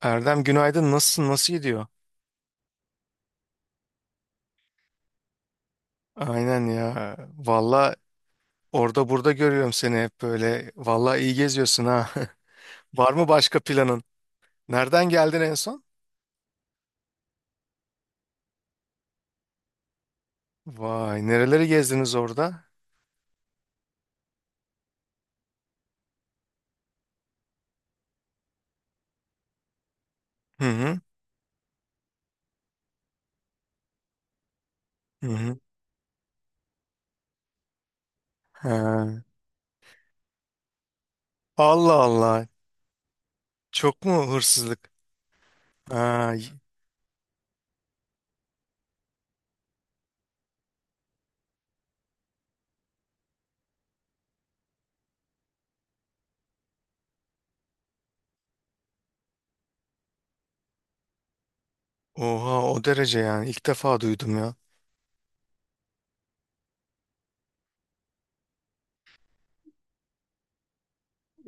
Erdem, günaydın, nasılsın, nasıl gidiyor? Aynen ya. Valla, orada burada görüyorum seni hep böyle. Valla iyi geziyorsun ha. Var mı başka planın? Nereden geldin en son? Vay, nereleri gezdiniz orada? Hı hı. Hı hı. Ha. Allah Allah. Çok mu hırsızlık? Ha. Oha, o derece yani. İlk defa duydum ya.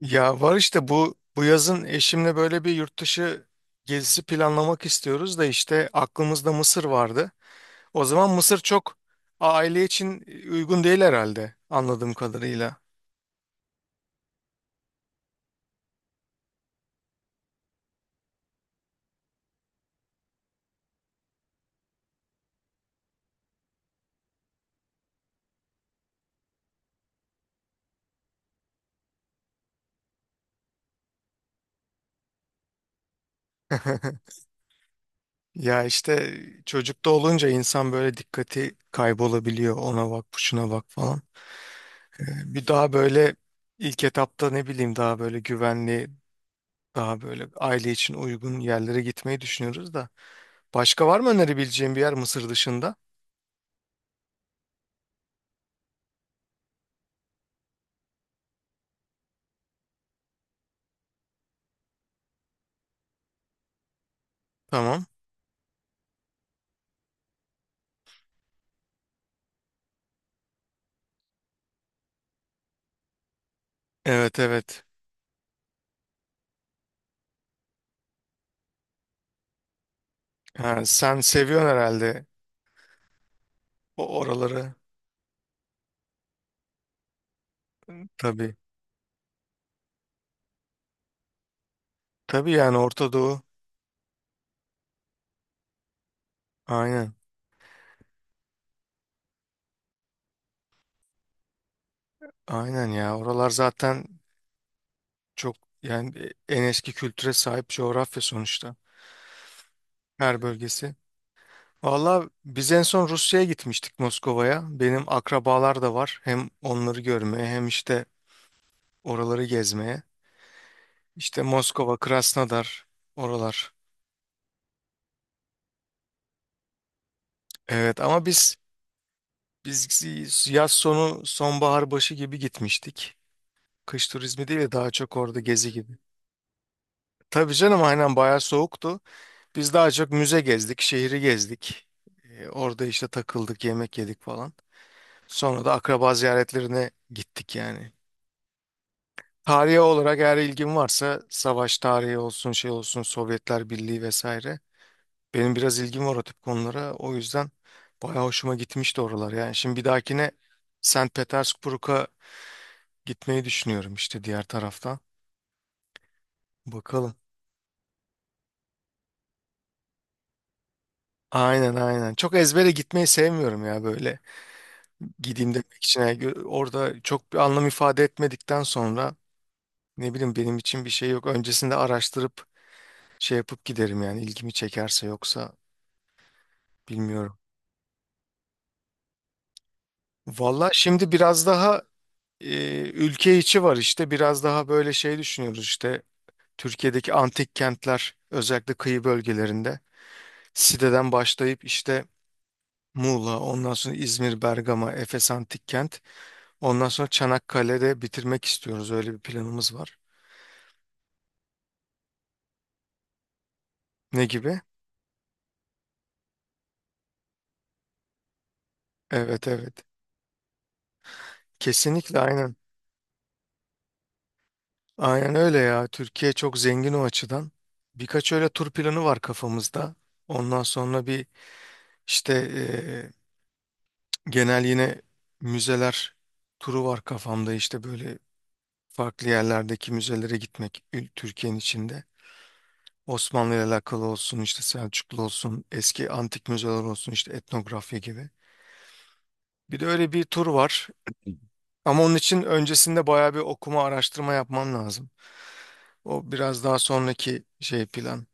Ya var işte, bu yazın eşimle böyle bir yurt dışı gezisi planlamak istiyoruz da, işte aklımızda Mısır vardı. O zaman Mısır çok aile için uygun değil herhalde, anladığım kadarıyla. Ya işte, çocukta olunca insan böyle dikkati kaybolabiliyor. Ona bak, şuna bak falan. Bir daha böyle ilk etapta ne bileyim, daha böyle güvenli, daha böyle aile için uygun yerlere gitmeyi düşünüyoruz da. Başka var mı önerebileceğim bir yer Mısır dışında? Tamam. Evet evet. Ha, sen seviyorsun herhalde o oraları. Tabii. Tabii yani, Orta Doğu. Aynen. Aynen ya. Oralar zaten çok, yani en eski kültüre sahip coğrafya sonuçta. Her bölgesi. Valla biz en son Rusya'ya gitmiştik, Moskova'ya. Benim akrabalar da var. Hem onları görmeye hem işte oraları gezmeye. İşte Moskova, Krasnodar, oralar. Evet ama biz yaz sonu sonbahar başı gibi gitmiştik. Kış turizmi değil de daha çok orada gezi gibi. Tabii canım, aynen, bayağı soğuktu. Biz daha çok müze gezdik, şehri gezdik. Orada işte takıldık, yemek yedik falan. Sonra da akraba ziyaretlerine gittik yani. Tarihe olarak eğer ilgim varsa, savaş tarihi olsun, şey olsun, Sovyetler Birliği vesaire. Benim biraz ilgim var o tip konulara. O yüzden bayağı hoşuma gitmişti oralar. Yani şimdi bir dahakine St. Petersburg'a gitmeyi düşünüyorum işte, diğer taraftan. Bakalım. Aynen aynen. Çok ezbere gitmeyi sevmiyorum ya böyle, gideyim demek için. Yani orada çok bir anlam ifade etmedikten sonra, ne bileyim, benim için bir şey yok. Öncesinde araştırıp şey yapıp giderim yani, ilgimi çekerse; yoksa bilmiyorum. Valla şimdi biraz daha ülke içi var işte, biraz daha böyle şey düşünüyoruz işte, Türkiye'deki antik kentler özellikle, kıyı bölgelerinde Side'den başlayıp işte Muğla, ondan sonra İzmir, Bergama, Efes Antik Kent. Ondan sonra Çanakkale'de bitirmek istiyoruz. Öyle bir planımız var. Ne gibi? Evet evet. Kesinlikle, aynen. Aynen öyle ya. Türkiye çok zengin o açıdan. Birkaç öyle tur planı var kafamızda. Ondan sonra bir işte, genel yine müzeler turu var kafamda, işte böyle farklı yerlerdeki müzelere gitmek, Türkiye'nin içinde. Osmanlı ile alakalı olsun, işte Selçuklu olsun, eski antik müzeler olsun, işte etnografya gibi. Bir de öyle bir tur var. Ama onun için öncesinde bayağı bir okuma, araştırma yapman lazım. O biraz daha sonraki şey, plan.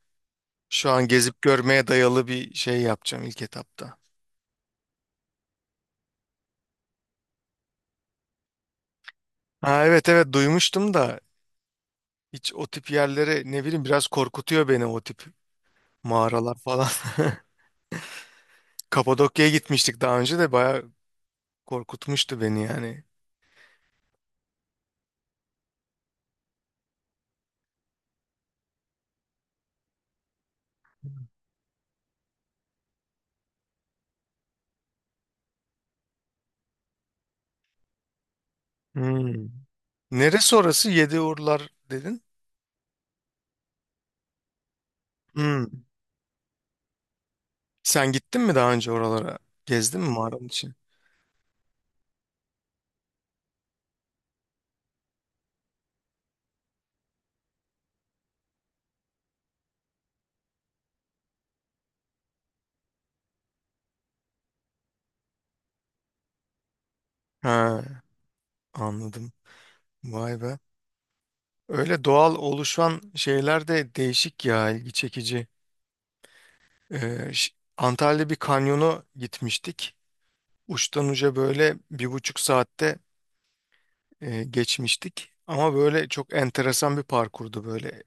Şu an gezip görmeye dayalı bir şey yapacağım ilk etapta. Ha evet evet, duymuştum da hiç o tip yerlere, ne bileyim, biraz korkutuyor beni o tip mağaralar falan. Kapadokya'ya gitmiştik daha önce de bayağı korkutmuştu beni yani. Hmm. Neresi orası? Yediurlar dedin. Hmm. Sen gittin mi daha önce oralara? Gezdin mi mağaranın için? Ha, anladım. Vay be. Öyle doğal oluşan şeyler de değişik ya, ilgi çekici. Antalya'da bir kanyona gitmiştik. Uçtan uca böyle bir buçuk saatte geçmiştik. Ama böyle çok enteresan bir parkurdu böyle.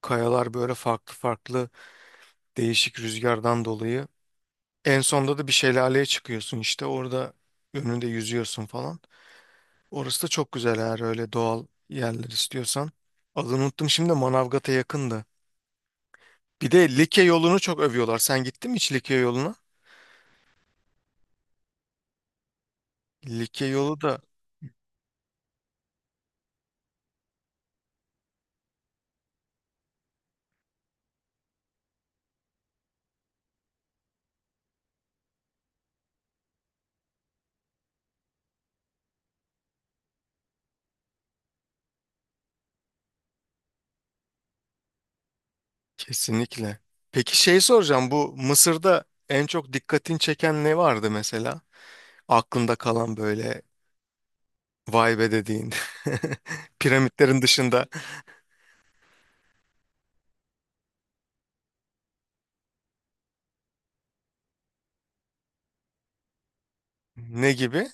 Kayalar böyle farklı farklı, değişik, rüzgardan dolayı. En sonda da bir şelaleye çıkıyorsun, işte orada önünde yüzüyorsun falan. Orası da çok güzel, eğer öyle doğal yerler istiyorsan. Adını unuttum şimdi de, Manavgat'a yakındı. Bir de Likya yolunu çok övüyorlar. Sen gittin mi hiç Likya yoluna? Likya yolu da kesinlikle. Peki şey soracağım, bu Mısır'da en çok dikkatini çeken ne vardı mesela? Aklında kalan böyle vay be dediğin, piramitlerin dışında ne gibi?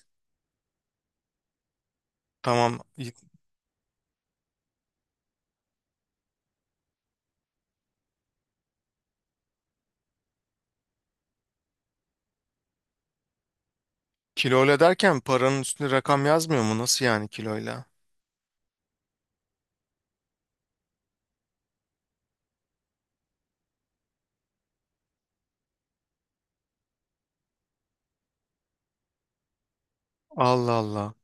Tamam kiloyla derken paranın üstüne rakam yazmıyor mu? Nasıl yani kiloyla? Allah Allah.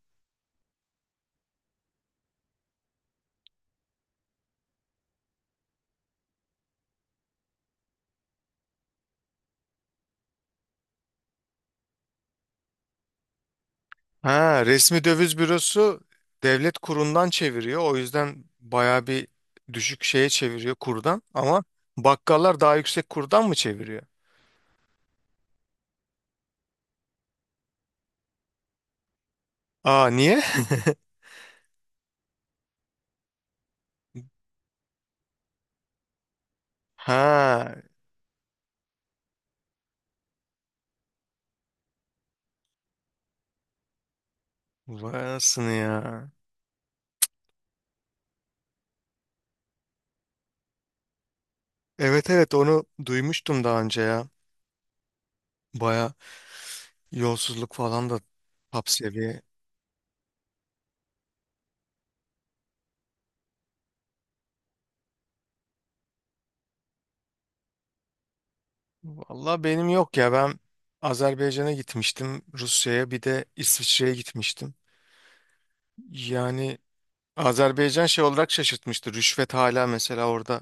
Ha, resmi döviz bürosu devlet kurundan çeviriyor. O yüzden baya bir düşük şeye çeviriyor kurdan. Ama bakkallar daha yüksek kurdan mı çeviriyor? Aa niye? Ha, vay anasını ya. Evet evet, onu duymuştum daha önce ya. Baya yolsuzluk falan da top seviye. Valla benim yok ya. Ben Azerbaycan'a gitmiştim, Rusya'ya, bir de İsviçre'ye gitmiştim. Yani Azerbaycan şey olarak şaşırtmıştı. Rüşvet hala mesela orada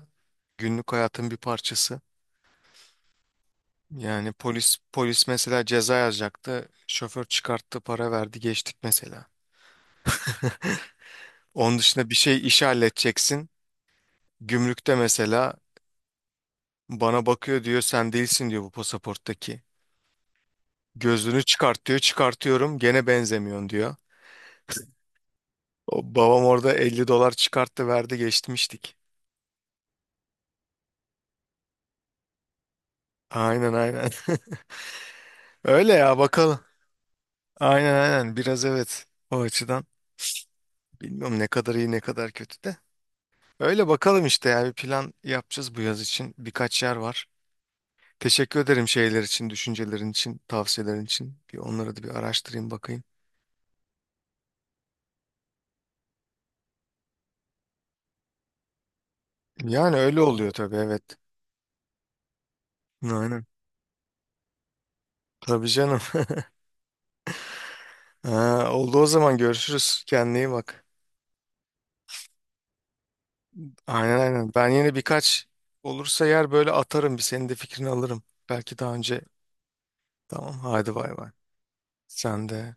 günlük hayatın bir parçası. Yani polis mesela ceza yazacaktı. Şoför çıkarttı, para verdi, geçtik mesela. Onun dışında bir şey, işi halledeceksin. Gümrükte mesela bana bakıyor, diyor sen değilsin diyor bu pasaporttaki. Gözünü çıkart diyor, çıkartıyorum, gene benzemiyorsun diyor. O babam orada 50 dolar çıkarttı, verdi, geçmiştik. Aynen aynen. Öyle ya, bakalım. Aynen aynen, biraz evet, o açıdan. Bilmiyorum, ne kadar iyi ne kadar kötü de. Öyle bakalım işte, yani bir plan yapacağız bu yaz için. Birkaç yer var. Teşekkür ederim şeyler için, düşüncelerin için, tavsiyelerin için. Bir onları da bir araştırayım bakayım. Yani öyle oluyor tabii, evet. Aynen. Tabii canım. Ha, oldu, o zaman görüşürüz. Kendine iyi bak. Aynen aynen. Ben yine birkaç olursa yer böyle atarım. Bir senin de fikrini alırım. Belki daha önce. Tamam, hadi bay bay. Sen de.